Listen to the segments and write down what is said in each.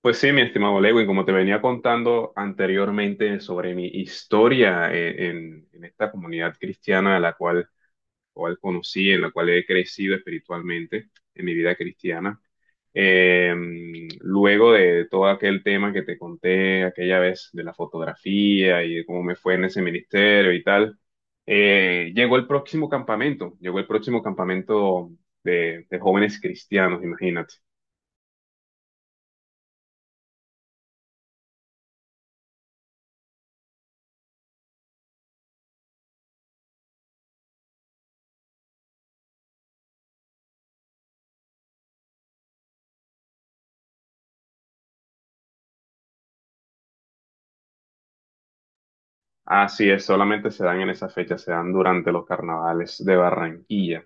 Pues sí, mi estimado Lewin, como te venía contando anteriormente sobre mi historia en esta comunidad cristiana a la cual conocí, en la cual he crecido espiritualmente en mi vida cristiana, eh, luego de todo aquel tema que te conté aquella vez de la fotografía y de cómo me fue en ese ministerio y tal, llegó el próximo campamento, llegó el próximo campamento de jóvenes cristianos, imagínate. Así es, solamente se dan en esa fecha, se dan durante los carnavales de Barranquilla.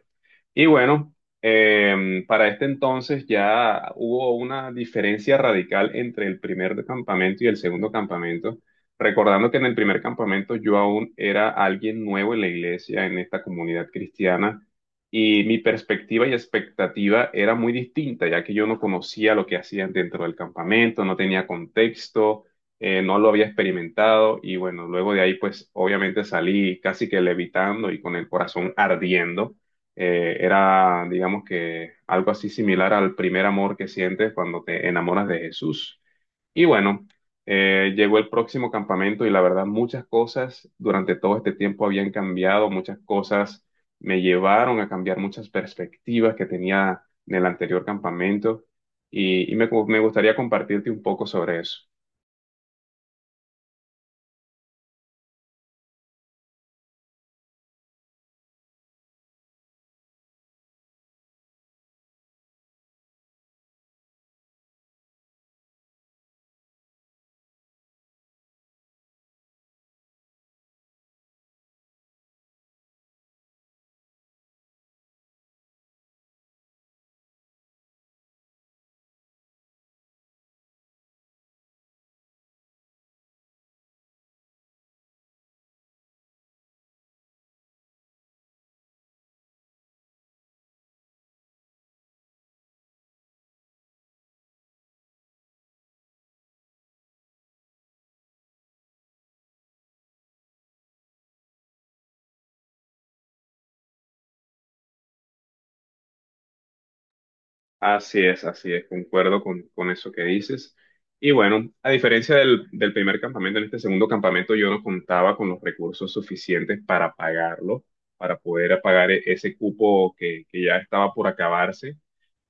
Y bueno, para este entonces ya hubo una diferencia radical entre el primer campamento y el segundo campamento. Recordando que en el primer campamento yo aún era alguien nuevo en la iglesia, en esta comunidad cristiana, y mi perspectiva y expectativa era muy distinta, ya que yo no conocía lo que hacían dentro del campamento, no tenía contexto, no lo había experimentado, y bueno, luego de ahí pues obviamente salí casi que levitando y con el corazón ardiendo era, digamos que, algo así similar al primer amor que sientes cuando te enamoras de Jesús. Y bueno, llegó el próximo campamento y la verdad muchas cosas durante todo este tiempo habían cambiado, muchas cosas me llevaron a cambiar muchas perspectivas que tenía en el anterior campamento y me gustaría compartirte un poco sobre eso. Así es, concuerdo con eso que dices. Y bueno, a diferencia del primer campamento, en este segundo campamento yo no contaba con los recursos suficientes para pagarlo, para poder pagar ese cupo que ya estaba por acabarse.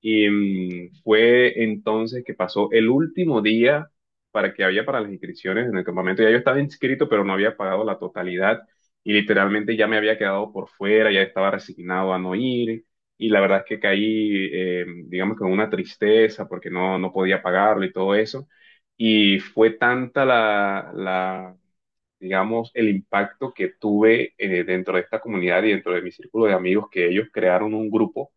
Y fue entonces que pasó el último día para que había para las inscripciones en el campamento. Ya yo estaba inscrito, pero no había pagado la totalidad y literalmente ya me había quedado por fuera, ya estaba resignado a no ir y la verdad es que caí, digamos, con una tristeza porque no, no podía pagarlo y todo eso. Y fue tanta la, la, digamos, el impacto que tuve dentro de esta comunidad y dentro de mi círculo de amigos que ellos crearon un grupo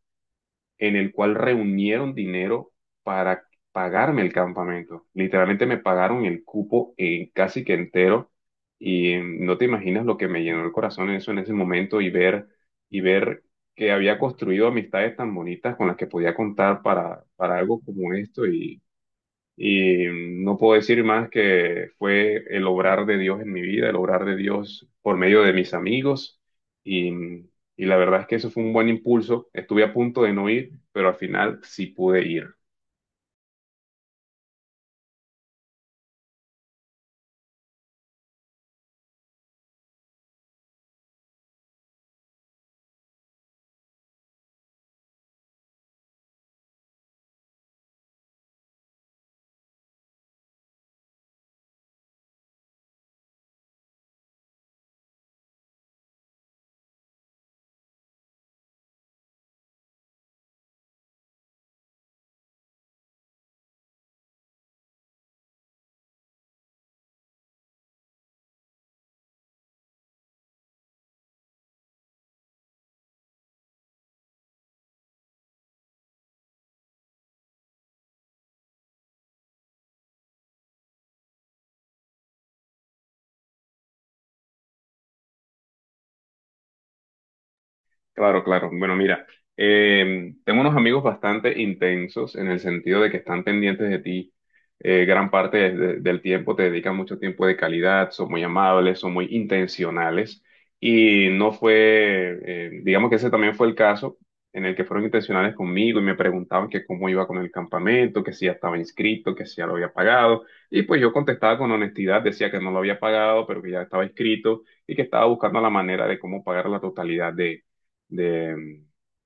en el cual reunieron dinero para pagarme el campamento. Literalmente me pagaron el cupo casi que entero y no te imaginas lo que me llenó el corazón eso en ese momento y ver que había construido amistades tan bonitas con las que podía contar para algo como esto y no puedo decir más que fue el obrar de Dios en mi vida, el obrar de Dios por medio de mis amigos. Y, y la verdad es que eso fue un buen impulso. Estuve a punto de no ir, pero al final sí pude ir. Claro, claro. Bueno, mira, tengo unos amigos bastante intensos en el sentido de que están pendientes de ti gran parte del tiempo, te dedican mucho tiempo de calidad, son muy amables, son muy intencionales y no fue, digamos que ese también fue el caso en el que fueron intencionales conmigo y me preguntaban que cómo iba con el campamento, que si ya estaba inscrito, que si ya lo había pagado y pues yo contestaba con honestidad, decía que no lo había pagado, pero que ya estaba inscrito y que estaba buscando la manera de cómo pagar la totalidad de,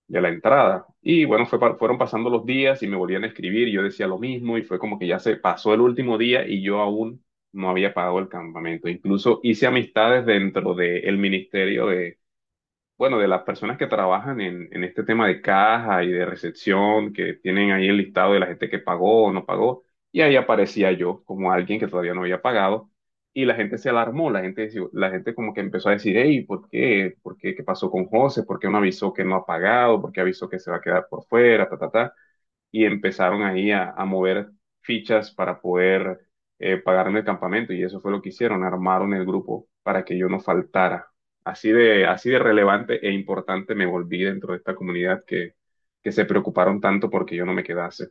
de la entrada. Y bueno, fue, fueron pasando los días y me volvían a escribir y yo decía lo mismo y fue como que ya se pasó el último día y yo aún no había pagado el campamento. Incluso hice amistades dentro del ministerio de, bueno, de las personas que trabajan en este tema de caja y de recepción, que tienen ahí el listado de la gente que pagó o no pagó, y ahí aparecía yo como alguien que todavía no había pagado, y la gente se alarmó, la gente, la gente como que empezó a decir, hey, ¿por qué? ¿Por qué? ¿Qué pasó con José? ¿Por qué no avisó que no ha pagado? ¿Por qué avisó que se va a quedar por fuera? Ta, ta, ta y empezaron ahí a mover fichas para poder pagarme el campamento y eso fue lo que hicieron, armaron el grupo para que yo no faltara. Así de relevante e importante me volví dentro de esta comunidad que se preocuparon tanto porque yo no me quedase.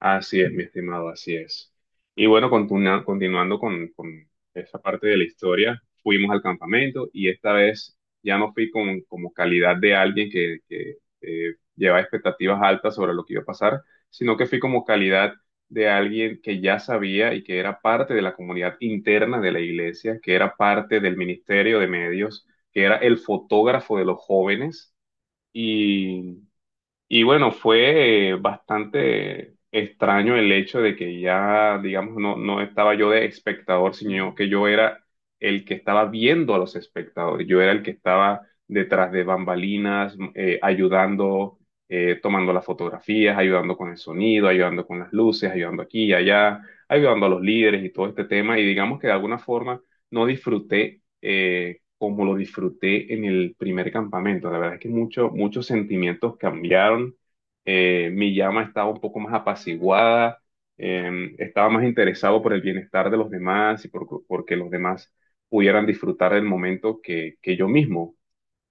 Así es, mi estimado, así es. Y bueno, continuando con esa parte de la historia, fuimos al campamento y esta vez ya no fui con, como calidad de alguien que llevaba expectativas altas sobre lo que iba a pasar, sino que fui como calidad de alguien que ya sabía y que era parte de la comunidad interna de la iglesia, que era parte del ministerio de medios, que era el fotógrafo de los jóvenes y bueno, fue bastante extraño el hecho de que ya, digamos, no, no estaba yo de espectador, sino que yo era el que estaba viendo a los espectadores. Yo era el que estaba detrás de bambalinas, ayudando, tomando las fotografías, ayudando con el sonido, ayudando con las luces, ayudando aquí y allá, ayudando a los líderes y todo este tema. Y digamos que de alguna forma no disfruté, como lo disfruté en el primer campamento. La verdad es que muchos sentimientos cambiaron. Mi llama estaba un poco más apaciguada, estaba más interesado por el bienestar de los demás y por, porque los demás pudieran disfrutar del momento que yo mismo.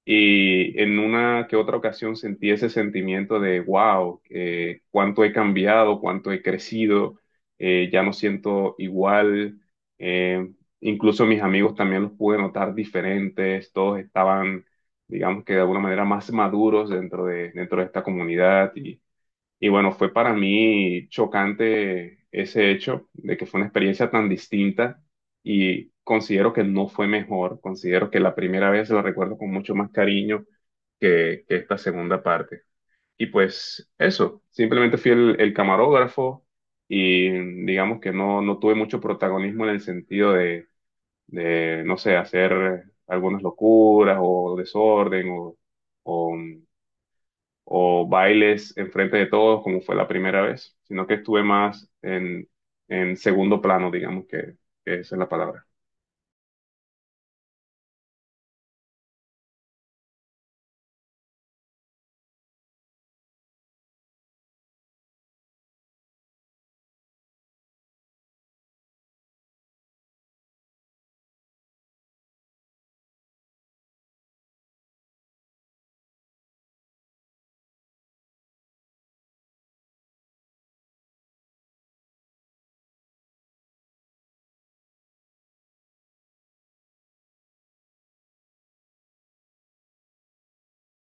Y en una que otra ocasión sentí ese sentimiento de, wow, cuánto he cambiado, cuánto he crecido, ya no siento igual. eh, Incluso mis amigos también los pude notar diferentes, todos estaban, digamos que de alguna manera, más maduros dentro de esta comunidad. Y y bueno, fue para mí chocante ese hecho de que fue una experiencia tan distinta y considero que no fue mejor, considero que la primera vez la recuerdo con mucho más cariño que esta segunda parte. Y pues eso, simplemente fui el camarógrafo y digamos que no, no tuve mucho protagonismo en el sentido de, no sé, hacer algunas locuras o desorden o o bailes enfrente de todos, como fue la primera vez, sino que estuve más en segundo plano, digamos que esa es la palabra.